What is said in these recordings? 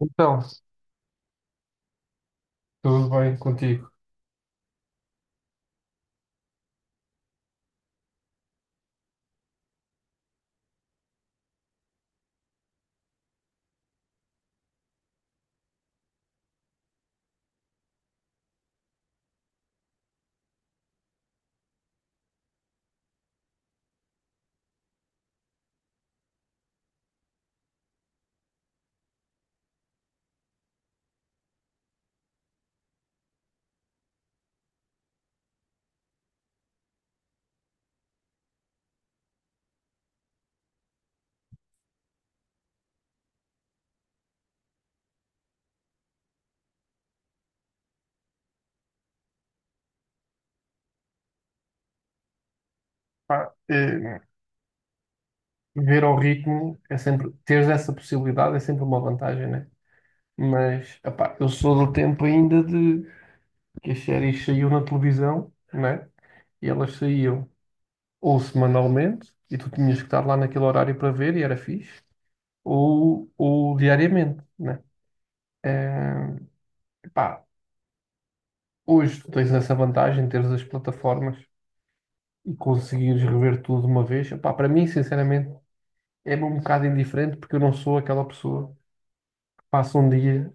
Então, tudo bem contigo. Pá, ver ao ritmo é sempre, teres essa possibilidade é sempre uma vantagem, né? Mas, epá, eu sou do tempo ainda de que as séries saíam na televisão, né? E elas saíam ou semanalmente, e tu tinhas que estar lá naquele horário para ver, e era fixe, ou diariamente, né? Eh, Epá, hoje tu tens essa vantagem, de teres as plataformas e conseguires rever tudo de uma vez. Epá, para mim, sinceramente, é um bocado indiferente porque eu não sou aquela pessoa que passa um dia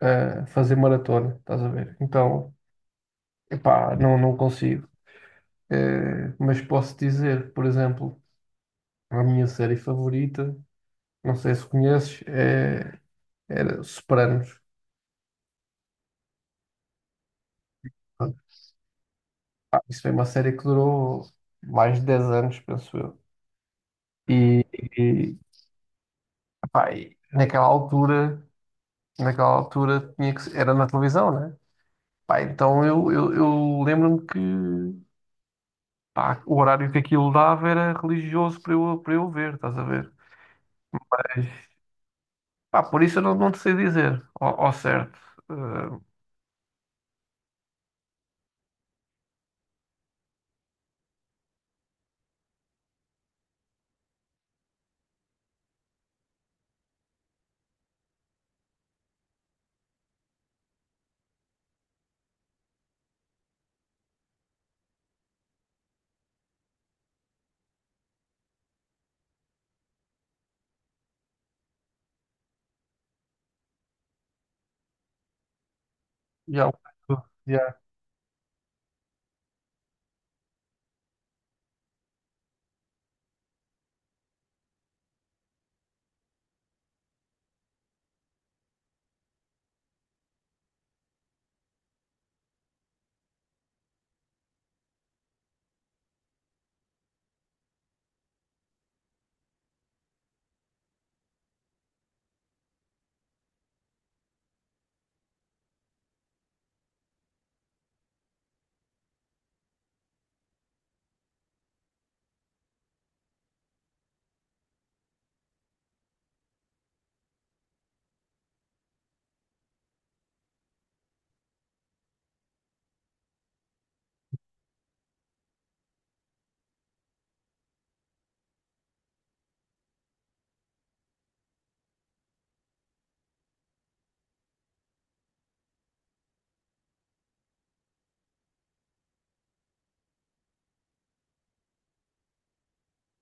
a fazer maratona, estás a ver? Então, epá, não consigo. Mas posso dizer, por exemplo, a minha série favorita, não sei se conheces, é, era Sopranos. Pá, isso foi uma série que durou mais de 10 anos, penso eu. E, e, Pá, e naquela altura tinha que, era na televisão, né? Pá, então eu lembro-me que pá, o horário que aquilo dava era religioso para para eu ver, estás a ver? Mas, pá, por isso eu não te sei dizer ao certo. Eh, E há o- Yeah.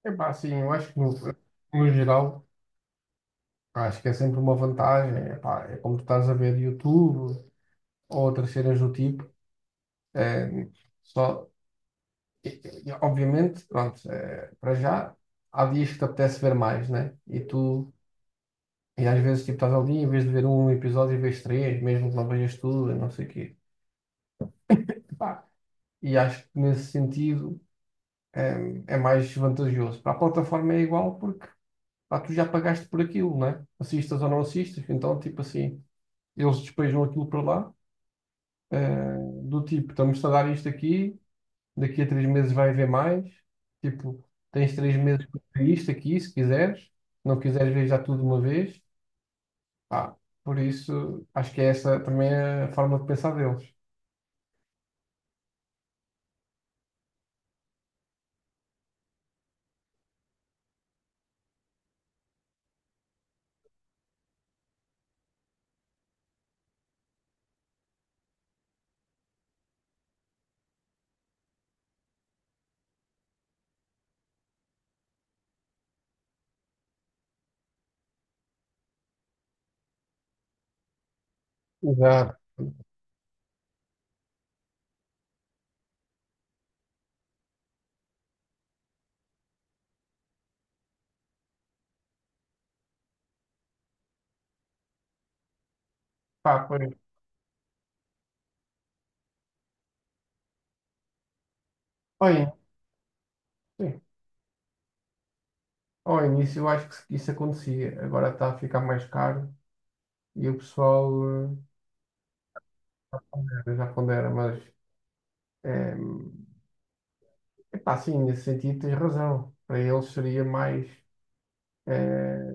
Epá, sim, eu acho que no geral, acho que é sempre uma vantagem. Epá, é como tu estás a ver YouTube ou outras cenas do tipo. eh, só, e- Obviamente, pronto, para já, há dias que te apetece ver mais, né? E tu, e às vezes, tipo, estás ali, em vez de ver um episódio, vês três, mesmo que não vejas tudo, e não sei o quê. Epá, e acho que nesse sentido mais vantajoso. Para a plataforma é igual porque pá, tu já pagaste por aquilo, né? Assistas ou não assistas, então tipo assim, eles despejam aquilo para lá, eh, do tipo, estamos a dar isto aqui, daqui a 3 meses vai haver mais, tipo, tens 3 meses para ver isto aqui, se quiseres, se não quiseres ver já tudo de uma vez, pá, por isso acho que essa também é a forma de pensar deles. Exato. Pá, pois, olhem, sim. Ao início eu acho que isso acontecia, agora está a ficar mais caro e o pessoal eh, pondera, já pondera, mas é, epá, sim, nesse sentido tens razão. Para eles seria eh,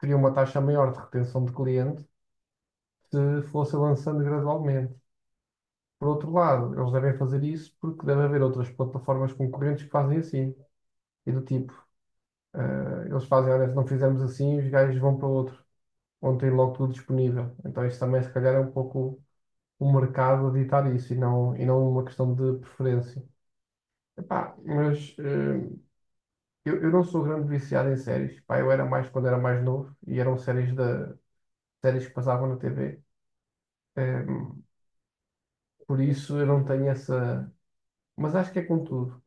teria uma taxa maior de retenção de cliente se fosse avançando gradualmente. Por outro lado, eles devem fazer isso porque deve haver outras plataformas concorrentes que fazem assim. E do tipo, eles fazem, olha, se não fizermos assim, os gajos vão para outro, onde tem logo tudo disponível. Então isso também se calhar é um pouco o mercado a ditar isso e não uma questão de preferência. Epá, mas eu não sou grande viciado em séries. Pá, eu era mais quando era mais novo e eram séries que passavam na TV. Eh, por isso eu não tenho essa. Mas acho que é com tudo.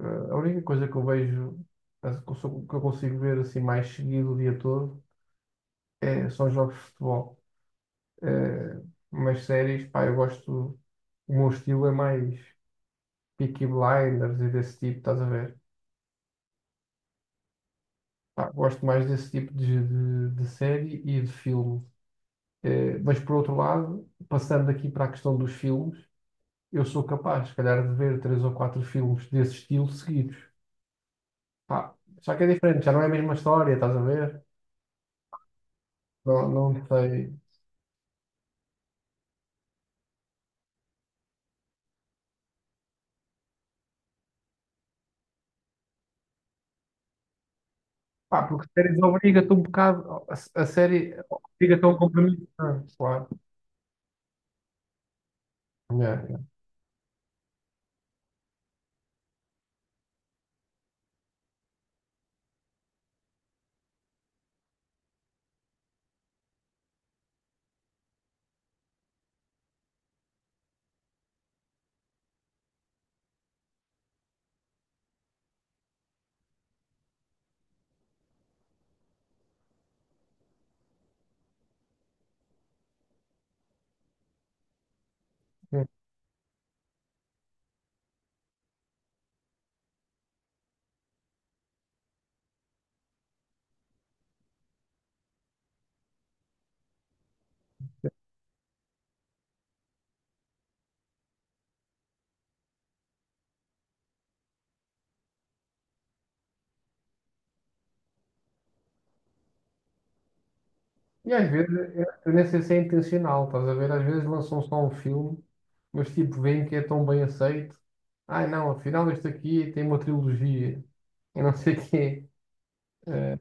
Eh, a única coisa que eu vejo, que eu consigo ver assim mais seguido o dia todo, são jogos de futebol. Eh, mas séries, pá, eu gosto. O meu estilo é mais Peaky Blinders e desse tipo, estás a ver? Pá, gosto mais desse tipo de série e de filme. Mas por outro lado, passando aqui para a questão dos filmes, eu sou capaz, se calhar, de ver três ou quatro filmes desse estilo seguidos. Pá, só que é diferente, já não é a mesma história, estás a ver? Não sei. Pá, porque séries obriga-te um bocado, a série obriga-te a um compromisso. Ah, claro. Yeah, yeah. E às vezes, eu nem sei se é intencional, estás a ver? Às vezes lançam só um filme, mas tipo, veem que é tão bem aceito. Ai não, afinal este aqui tem uma trilogia. Eu não sei o quê. Eh,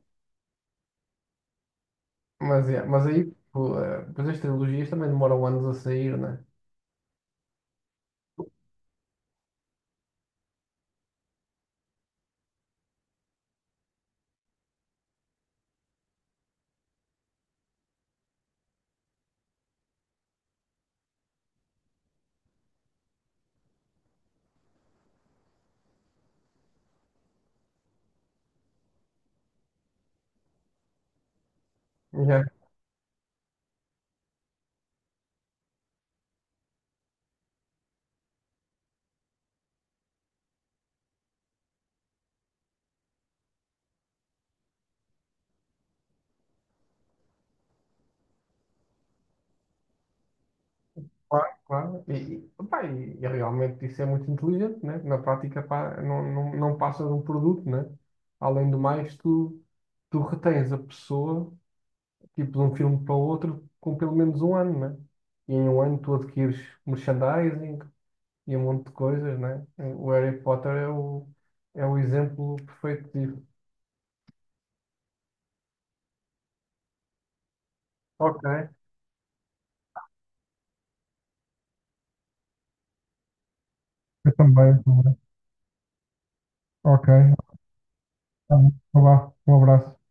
mas aí, tipo, depois as trilogias também demoram anos a sair, né? Já, claro, claro. E realmente isso é muito inteligente, né? Na prática, pá, não passa de um produto, né? Além do mais, tu retens a pessoa, tipo, de um filme para o outro, com pelo menos um ano, né? E em um ano tu adquires merchandising e um monte de coisas, né? O Harry Potter é o exemplo perfeito disso. Ok. Eu também. Ok. Tá bom. Então vá. Um abraço.